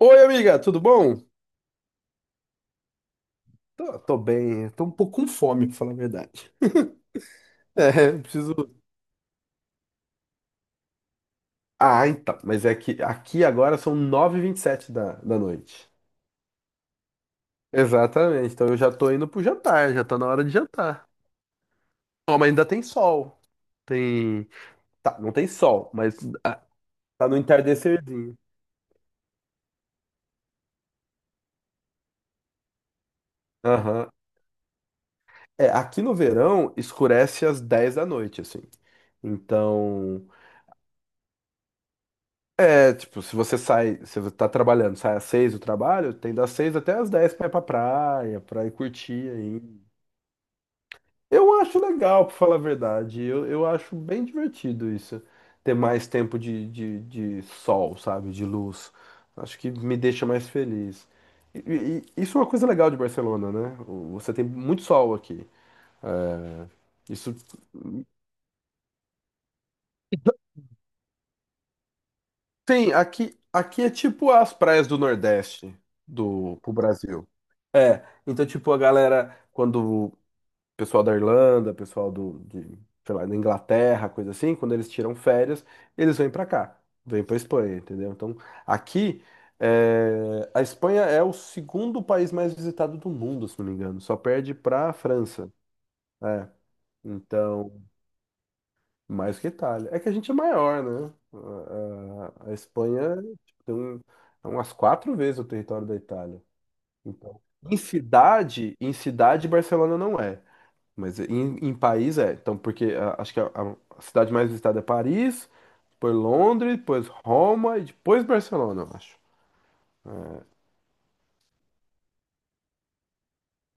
Oi, amiga, tudo bom? Tô bem, tô um pouco com fome, pra falar a verdade. É, eu preciso. Ah, então, mas é que aqui agora são 9:27 da noite. Exatamente, então eu já tô indo pro jantar, já tá na hora de jantar. Ó, mas ainda tem sol. Tem. Tá, não tem sol, mas ah, tá no entardecerzinho. Aham. É, aqui no verão escurece às 10 da noite, assim. Então. É, tipo, se você tá trabalhando, sai às 6 do trabalho, tem das 6 até às 10 pra ir pra praia, pra ir curtir aí. Eu acho legal, pra falar a verdade. Eu acho bem divertido isso. Ter mais tempo de sol, sabe? De luz. Acho que me deixa mais feliz. E isso é uma coisa legal de Barcelona, né? Você tem muito sol aqui. É, isso. Sim, aqui é tipo as praias do Nordeste do pro Brasil. É, então tipo a galera, quando o pessoal da Irlanda, pessoal sei lá, da Inglaterra, coisa assim, quando eles tiram férias, eles vêm pra cá, vêm pra Espanha, entendeu? Então aqui, a Espanha é o segundo país mais visitado do mundo, se não me engano, só perde pra França. É, então mais que Itália. É que a gente é maior, né? A Espanha tipo, é umas 4 vezes o território da Itália. Então, em cidade, Barcelona não é. Mas em país é. Então, porque acho que a cidade mais visitada é Paris, depois Londres, depois Roma e depois Barcelona, eu acho.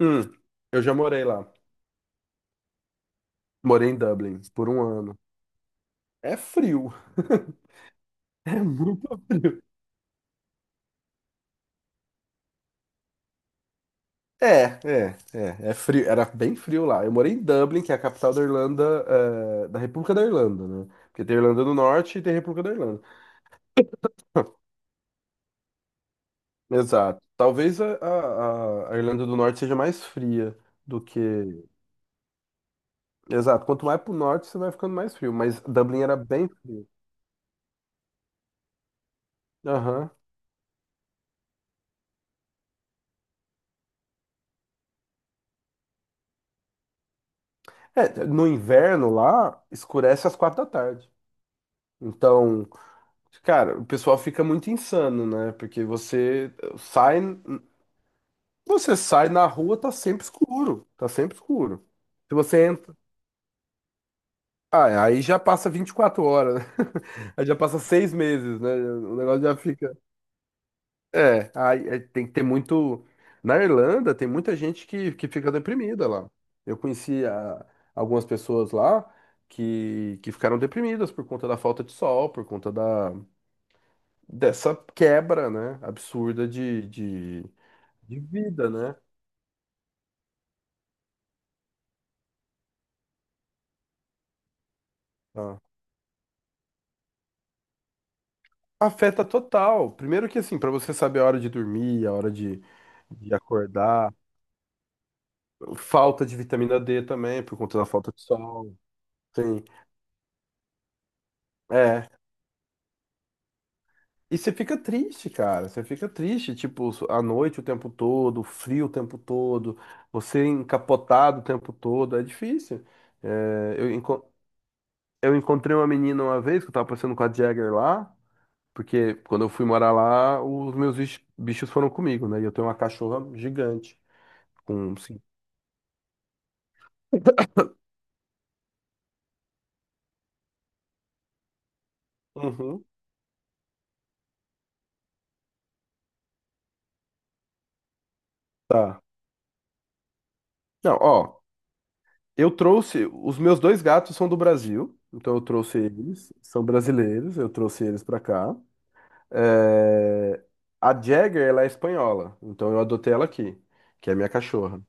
Hum, eu já morei lá. Morei em Dublin por um ano. É frio. É muito frio. É frio, era bem frio lá. Eu morei em Dublin, que é a capital da Irlanda, da República da Irlanda, né? Porque tem Irlanda do Norte e tem República da Irlanda. Exato. Talvez a Irlanda do Norte seja mais fria do que. Exato. Quanto mais pro norte, você vai ficando mais frio. Mas Dublin era bem frio. Aham. É, no inverno lá, escurece às 4 da tarde. Então, cara, o pessoal fica muito insano, né? Porque você sai. Você sai na rua, tá sempre escuro. Tá sempre escuro. Se você entra. Ah, aí já passa 24 horas, né? Aí já passa 6 meses, né? O negócio já fica. É, aí é, tem que ter muito. Na Irlanda, tem muita gente que fica deprimida lá. Eu conheci algumas pessoas lá que ficaram deprimidas por conta da falta de sol, por conta dessa quebra, né? Absurda de vida, né? Ah. Afeta total. Primeiro que assim, para você saber a hora de dormir, a hora de acordar, falta de vitamina D também, por conta da falta de sol. Sim. É. E você fica triste, cara. Você fica triste, tipo, à noite o tempo todo, frio o tempo todo, você encapotado o tempo todo, é difícil. É, eu encontrei uma menina uma vez que eu tava passando com a Jagger lá, porque quando eu fui morar lá, os meus bichos bichos foram comigo, né? E eu tenho uma cachorra gigante com Uhum. Tá. Não, ó, eu trouxe. Os meus dois gatos são do Brasil, então eu trouxe eles, são brasileiros, eu trouxe eles pra cá. É, a Jagger, ela é espanhola, então eu adotei ela aqui, que é minha cachorra.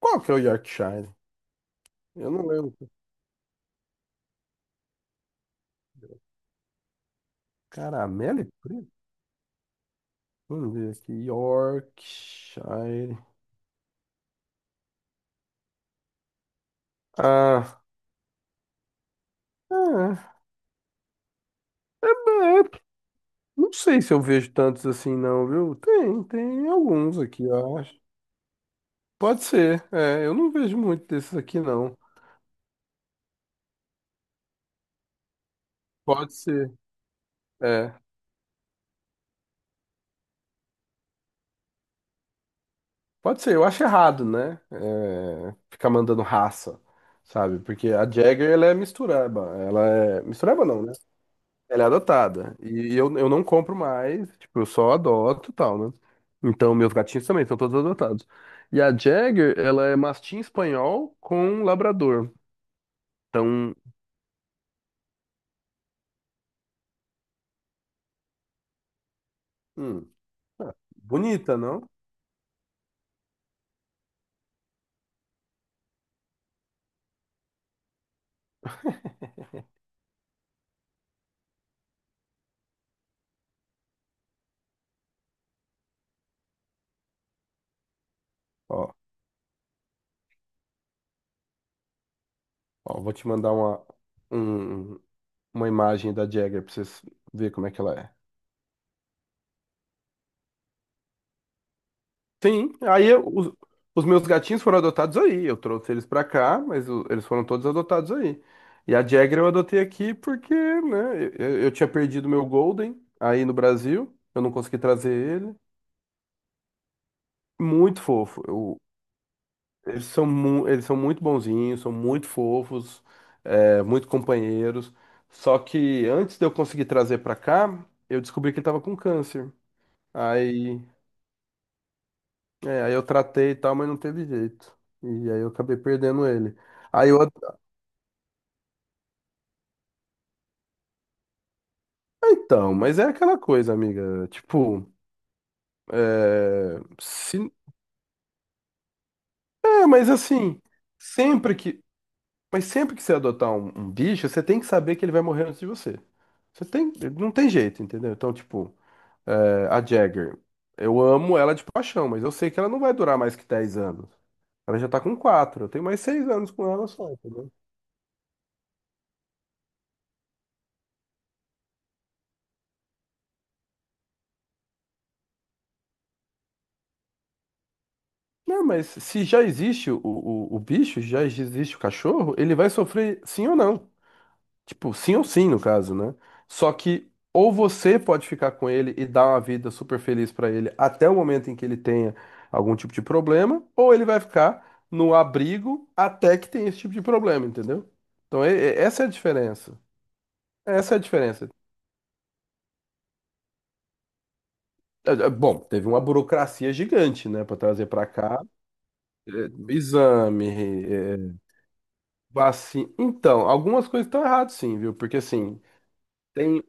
Qual que é o Yorkshire? Eu não lembro. Caramelo e preto? Vamos ver aqui. Yorkshire. Ah, é, é, não sei se eu vejo tantos assim, não, viu? Tem alguns aqui, eu acho. Pode ser, eu não vejo muito desses aqui, não. Pode ser, é, pode ser, eu acho errado, né? Ficar mandando raça, sabe? Porque a Jagger, ela é, mistureba não, né? Ela é adotada, e eu não compro mais, tipo, eu só adoto e tal, né? Então, meus gatinhos também são todos adotados. E a Jagger, ela é mastim espanhol com labrador, então, hum, bonita, não? Ó, ó, vou te mandar uma, um uma imagem da Jagger pra vocês verem como é que ela é. Sim, os meus gatinhos foram adotados aí. Eu trouxe eles pra cá, mas eles foram todos adotados aí. E a Jagger eu adotei aqui porque, né, eu tinha perdido meu Golden aí no Brasil. Eu não consegui trazer ele. Muito fofo. Eles são muito bonzinhos, são muito fofos, muito companheiros. Só que antes de eu conseguir trazer pra cá, eu descobri que ele tava com câncer. Aí. É, aí eu tratei e tal, mas não teve jeito. E aí eu acabei perdendo ele. Aí eu. Ah, então, mas é aquela coisa, amiga. Tipo, é. Se... É, mas assim, sempre que. Mas sempre que você adotar um bicho, você tem que saber que ele vai morrer antes de você. Você tem. Não tem jeito, entendeu? Então, tipo, a Jagger. Eu amo ela de paixão, mas eu sei que ela não vai durar mais que 10 anos. Ela já tá com 4. Eu tenho mais 6 anos com ela só. Não, mas se já existe o bicho, já existe o cachorro, ele vai sofrer sim ou não. Tipo, sim ou sim, no caso, né? Só que ou você pode ficar com ele e dar uma vida super feliz pra ele até o momento em que ele tenha algum tipo de problema, ou ele vai ficar no abrigo até que tenha esse tipo de problema, entendeu? Então, essa é a diferença. Essa é a diferença. Bom, teve uma burocracia gigante, né, pra trazer pra cá, É, exame, é, vacina. Então, algumas coisas estão erradas, sim, viu? Porque assim, tem.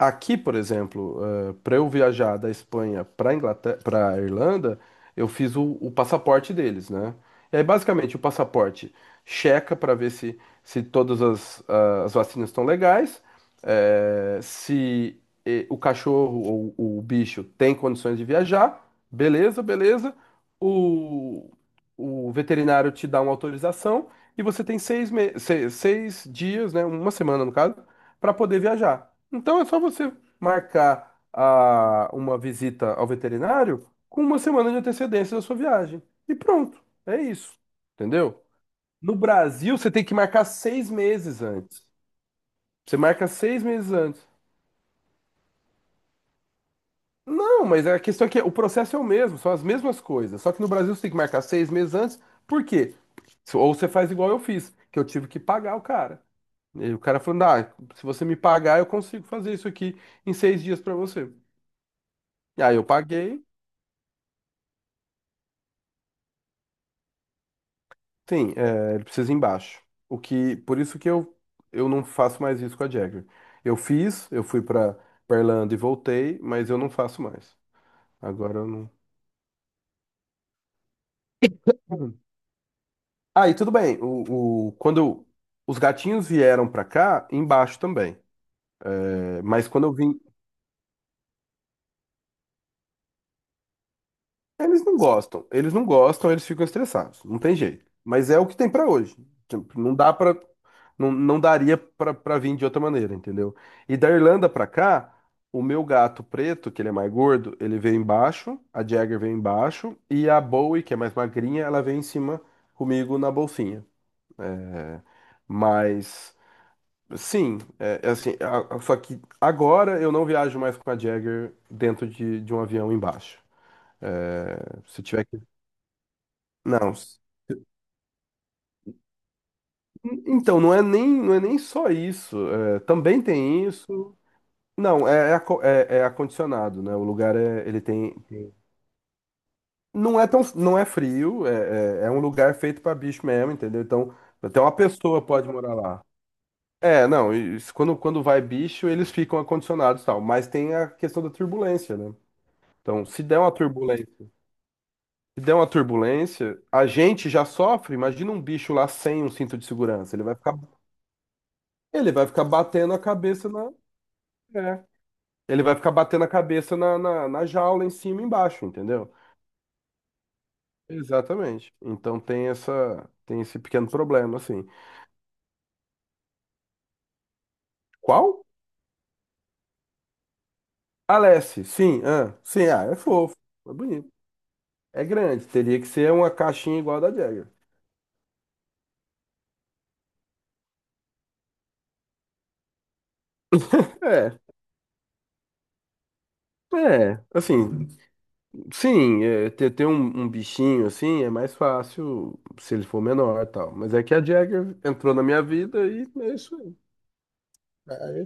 Aqui, por exemplo, para eu viajar da Espanha para Inglaterra, para Irlanda, eu fiz o passaporte deles, né? E aí, basicamente, o passaporte checa para ver se todas as vacinas estão legais, se o cachorro ou o bicho tem condições de viajar, beleza, beleza. O, o veterinário te dá uma autorização e você tem seis, me- se- seis dias, né? Uma semana, no caso para poder viajar. Então é só você marcar uma visita ao veterinário com uma semana de antecedência da sua viagem. E pronto, é isso. Entendeu? No Brasil, você tem que marcar 6 meses antes. Você marca 6 meses antes. Não, mas a questão é que o processo é o mesmo, são as mesmas coisas. Só que no Brasil você tem que marcar seis meses antes. Por quê? Ou você faz igual eu fiz, que eu tive que pagar o cara. E o cara falando, ah, se você me pagar, eu consigo fazer isso aqui em 6 dias para você. E aí eu paguei, sim, ele precisa ir embaixo. O que, por isso que eu não faço mais isso com a Jagger. Eu fiz, eu fui pra Irlanda e voltei, mas eu não faço mais. Agora eu não. Uhum. Ah, e tudo bem. Quando os gatinhos vieram pra cá, embaixo também. É, mas quando eu vim, eles não gostam, eles não gostam, eles ficam estressados, não tem jeito. Mas é o que tem pra hoje. Tipo, não dá para, não, não daria pra para vir de outra maneira, entendeu? E da Irlanda pra cá, o meu gato preto, que ele é mais gordo, ele veio embaixo, a Jagger veio embaixo e a Bowie, que é mais magrinha, ela veio em cima comigo na bolsinha. É, mas sim, é assim, só que agora eu não viajo mais com a Jagger dentro de um avião embaixo. É, se tiver que não. Então, não é nem, não é nem só isso. É, também tem isso. Não, é acondicionado, né? O lugar é, ele tem, tem. Não é tão, não é frio, é um lugar feito para bicho mesmo, entendeu? Então, até uma pessoa pode morar lá. É, não, quando vai bicho, eles ficam acondicionados e tal. Mas tem a questão da turbulência, né? Então, se der uma turbulência, a gente já sofre. Imagina um bicho lá sem um cinto de segurança. Ele vai ficar batendo a cabeça. É. Ele vai ficar batendo a cabeça na jaula em cima e embaixo, entendeu? Exatamente. Então tem esse pequeno problema, assim. Qual? Alessi, sim, ah, sim, ah, é fofo, é bonito. É grande, teria que ser uma caixinha igual a da Jagger. É, assim, sim, ter um bichinho assim é mais fácil se ele for menor e tal. Mas é que a Jagger entrou na minha vida e é isso aí. É.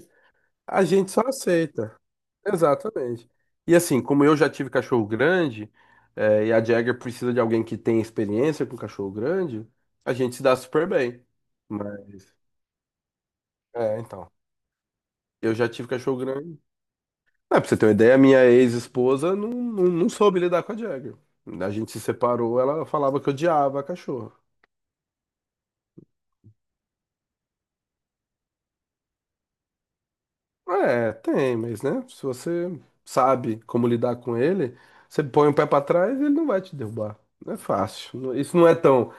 A gente só aceita. Exatamente. E assim, como eu já tive cachorro grande, e a Jagger precisa de alguém que tenha experiência com cachorro grande, a gente se dá super bem. Mas, então. Eu já tive cachorro grande. Ah, pra você ter uma ideia, a minha ex-esposa não, não, não soube lidar com a Jagger. A gente se separou, ela falava que odiava a cachorro. É, tem, mas né? Se você sabe como lidar com ele, você põe o pé pra trás e ele não vai te derrubar. Não é fácil. Isso não é tão.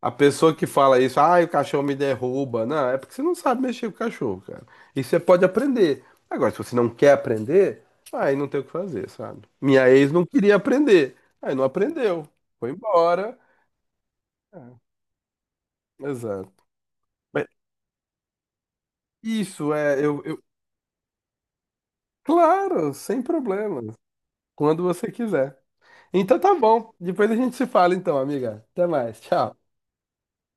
A pessoa que fala isso, ah, o cachorro me derruba. Não, é porque você não sabe mexer com o cachorro, cara. Isso você pode aprender. Agora, se você não quer aprender, aí não tem o que fazer, sabe? Minha ex não queria aprender. Aí não aprendeu. Foi embora. É, exato. Mas isso é, claro, sem problemas. Quando você quiser. Então tá bom. Depois a gente se fala então, amiga. Até mais. Tchau.